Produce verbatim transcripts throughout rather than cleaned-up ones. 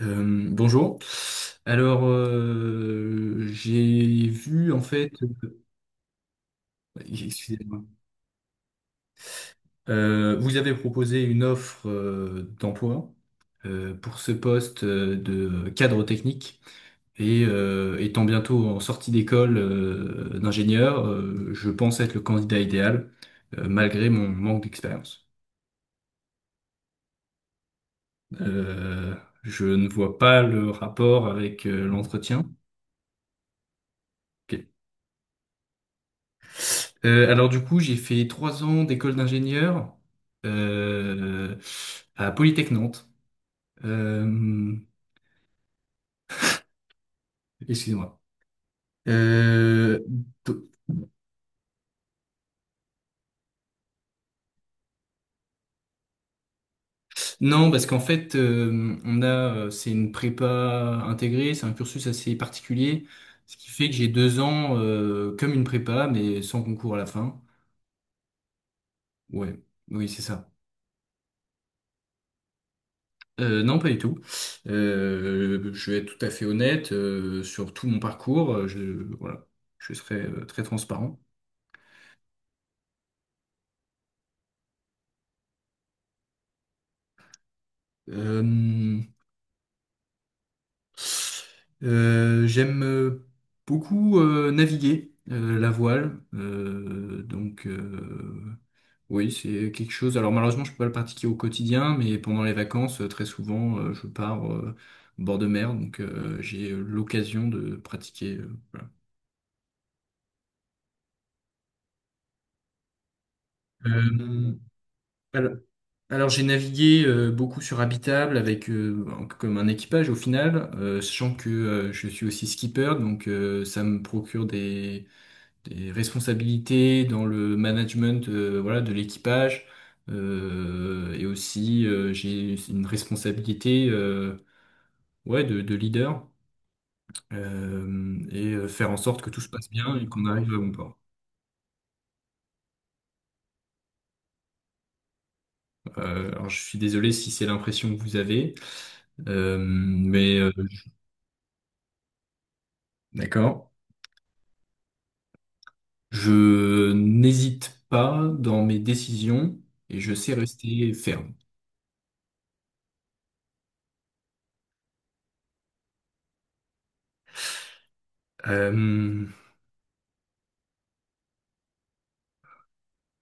Euh, bonjour. Alors, euh, j'ai vu en fait, excusez-moi. Euh, vous avez proposé une offre euh, d'emploi euh, pour ce poste euh, de cadre technique et euh, étant bientôt en sortie d'école euh, d'ingénieur, euh, je pense être le candidat idéal euh, malgré mon manque d'expérience. Euh, je ne vois pas le rapport avec euh, l'entretien. Ok. Euh, alors du coup, j'ai fait trois ans d'école d'ingénieur euh, à Polytech Nantes. Euh, Excusez-moi. Euh, do- non, parce qu'en fait, euh, on a, euh, c'est une prépa intégrée, c'est un cursus assez particulier, ce qui fait que j'ai deux ans euh, comme une prépa, mais sans concours à la fin. Ouais, oui, c'est ça. Euh, non, pas du tout. Euh, je vais être tout à fait honnête euh, sur tout mon parcours. Euh, Je, voilà, je serai euh, très transparent. Euh, euh, J'aime euh, beaucoup euh, naviguer euh, la voile. Euh, donc euh, oui, c'est quelque chose. Alors malheureusement, je peux pas le pratiquer au quotidien, mais pendant les vacances, euh, très souvent, euh, je pars euh, au bord de mer, donc euh, j'ai l'occasion de pratiquer. Euh, voilà. Euh, alors, alors, j'ai navigué euh, beaucoup sur Habitable avec euh, en- comme un équipage au final, euh, sachant que euh, je suis aussi skipper, donc euh, ça me procure des des responsabilités dans le management, euh, voilà, de l'équipage. Euh, et aussi, euh, j'ai une responsabilité, euh, ouais, de, de leader, euh, et euh, faire en sorte que tout se passe bien et qu'on arrive à bon port. Euh, alors, je suis désolé si c'est l'impression que vous avez, euh, mais euh, d'accord. Je n'hésite pas dans mes décisions et je sais rester ferme. Euh,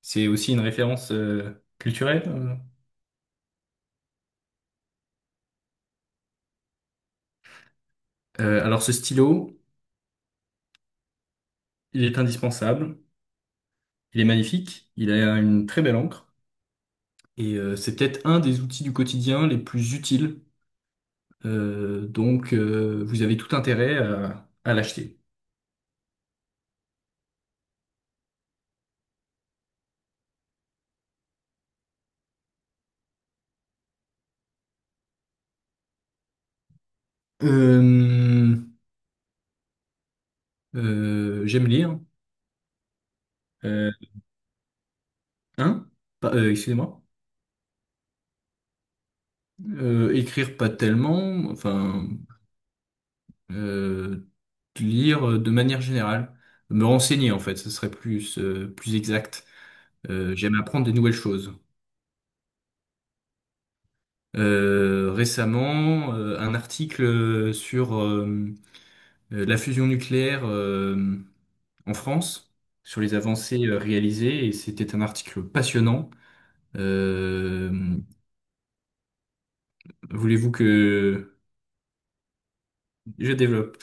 c'est aussi une référence euh, culturelle. Euh, Euh, alors ce stylo, il est indispensable, il est magnifique, il a une très belle encre et euh, c'est peut-être un des outils du quotidien les plus utiles. Euh, donc euh, vous avez tout intérêt à, à l'acheter. Euh, euh, J'aime lire. Euh, hein? Pas- euh, excusez-moi. Euh, écrire pas tellement, enfin euh, lire de manière générale. Me renseigner en fait, ce serait plus euh, plus exact. Euh, j'aime apprendre des nouvelles choses. Euh, récemment euh, un article euh, sur euh, euh, la fusion nucléaire euh, en France, sur les avancées euh, réalisées, et c'était un article passionnant. Euh, Voulez-vous que je développe?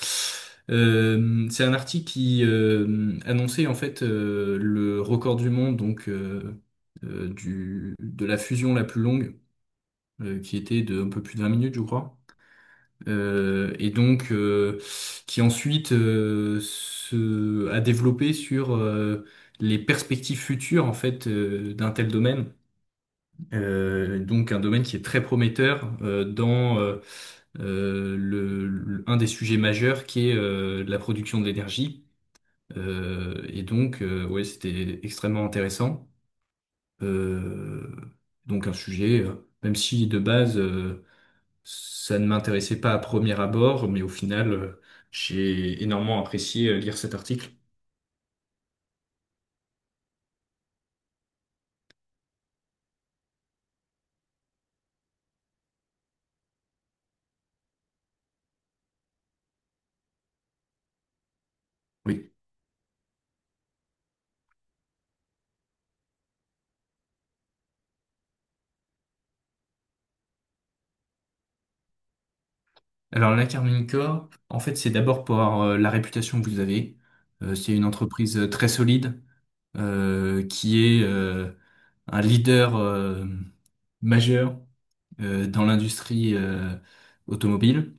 Euh, c'est un article qui euh, annonçait en fait euh, le record du monde, donc euh, euh, du, de la fusion la plus longue, euh, qui était de un peu plus de vingt minutes, je crois. Euh, et donc euh, qui ensuite euh, se, a développé sur euh, les perspectives futures en fait euh, d'un tel domaine. Euh, donc un domaine qui est très prometteur euh, dans euh, euh, le, le- un des sujets majeurs qui est euh, la production de l'énergie. Euh, et donc euh, ouais, c'était extrêmement intéressant. Euh, donc un sujet, euh, même si de base euh, ça ne m'intéressait pas à premier abord, mais au final, euh, j'ai énormément apprécié euh, lire cet article. Oui. Alors, la Carmine Corp, en fait, c'est d'abord pour euh, la réputation que vous avez. Euh, c'est une entreprise euh, très solide, euh, qui est euh, un leader euh, majeur euh, dans l'industrie euh, automobile.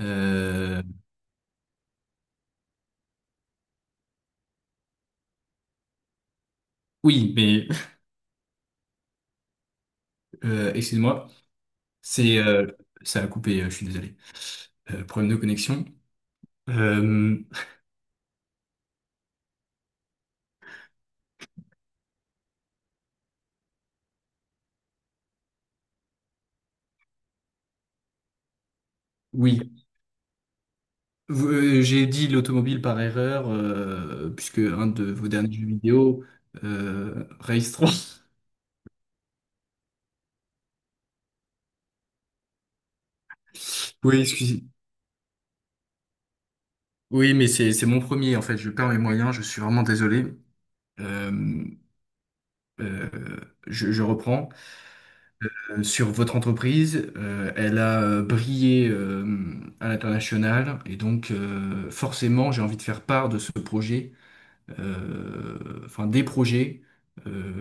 Euh, oui, mais euh, excusez-moi, c'est euh, ça a coupé, euh, je suis désolé. Euh, problème de connexion. Euh, oui. Vous- euh, J'ai dit l'automobile par erreur, euh, puisque un de vos derniers jeux vidéo, euh, Race trois. Oui, excusez. Oui, mais c'est c'est mon premier, en fait. Je perds mes moyens, je suis vraiment désolé. Euh, euh, je, je reprends. Euh, sur votre entreprise, euh, elle a euh, brillé euh, à l'international, et donc euh, forcément, j'ai envie de faire part de ce projet, euh, enfin des projets, euh,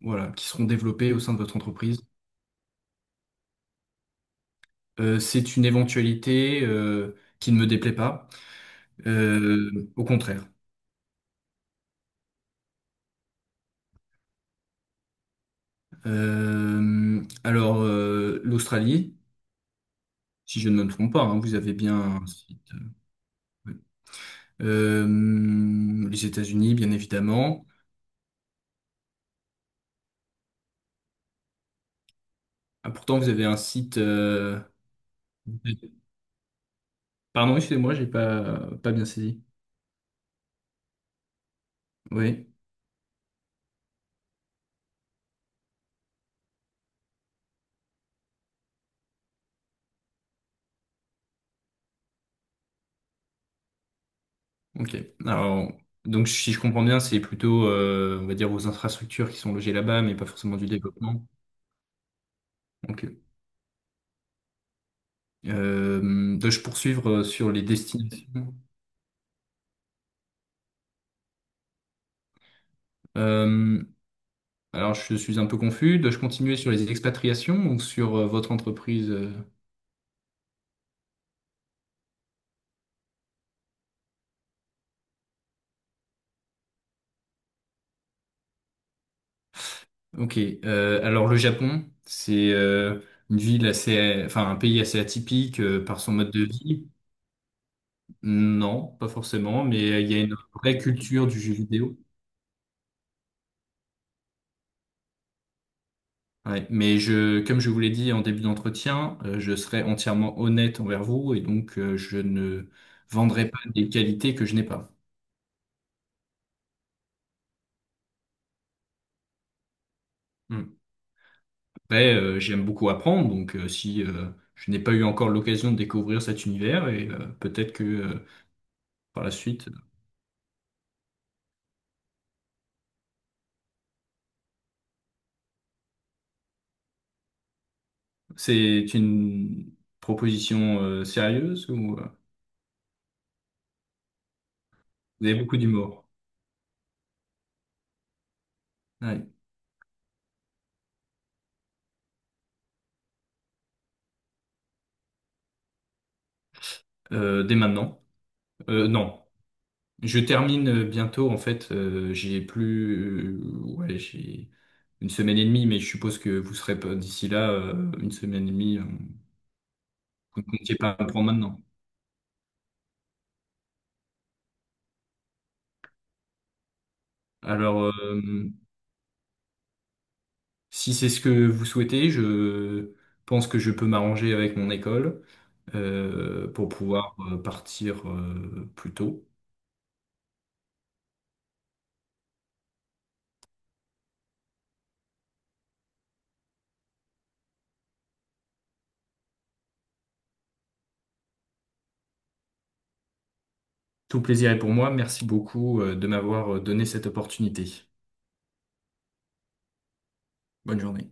voilà, qui seront développés au sein de votre entreprise. Euh, c'est une éventualité euh, qui ne me déplaît pas, Euh, au contraire. Euh, alors, euh, l'Australie, si je ne me trompe pas, hein, vous avez bien un site. Euh, oui. Euh, les États-Unis, bien évidemment. Ah, pourtant, vous avez un site. euh, Pardon, excusez-moi, j'ai pas pas bien saisi. Oui, ok. Alors, donc si je comprends bien, c'est plutôt, euh, on va dire, vos infrastructures qui sont logées là-bas, mais pas forcément du développement. Ok. Euh, dois-je poursuivre euh, sur les destinations? Euh, alors, je suis un peu confus. Dois-je continuer sur les expatriations ou sur euh, votre entreprise? euh Ok. Euh, alors, le Japon, c'est euh, une ville assez, enfin, un pays assez atypique euh, par son mode de vie. Non, pas forcément, mais euh, il y a une vraie culture du jeu vidéo. Ouais. Mais je, comme je vous l'ai dit en début d'entretien, euh, je serai entièrement honnête envers vous et donc euh, je ne vendrai pas des qualités que je n'ai pas. Après, euh, j'aime beaucoup apprendre, donc euh, si euh, je n'ai pas eu encore l'occasion de découvrir cet univers, et euh, peut-être que euh, par la suite, c'est une proposition euh, sérieuse ou euh, vous avez beaucoup d'humour? Ouais. Euh, dès maintenant? Euh, non. Je termine euh, bientôt, en fait, euh, j'ai plus... euh, ouais, j'ai une semaine et demie, mais je suppose que vous serez pas d'ici là, euh, une semaine et demie, euh, vous ne comptiez pas pour maintenant. Alors... euh, Si c'est ce que vous souhaitez, je pense que je peux m'arranger avec mon école euh, pour pouvoir euh, partir euh, plus tôt. Tout plaisir est pour moi. Merci beaucoup euh, de m'avoir euh, donné cette opportunité. Bonne journée.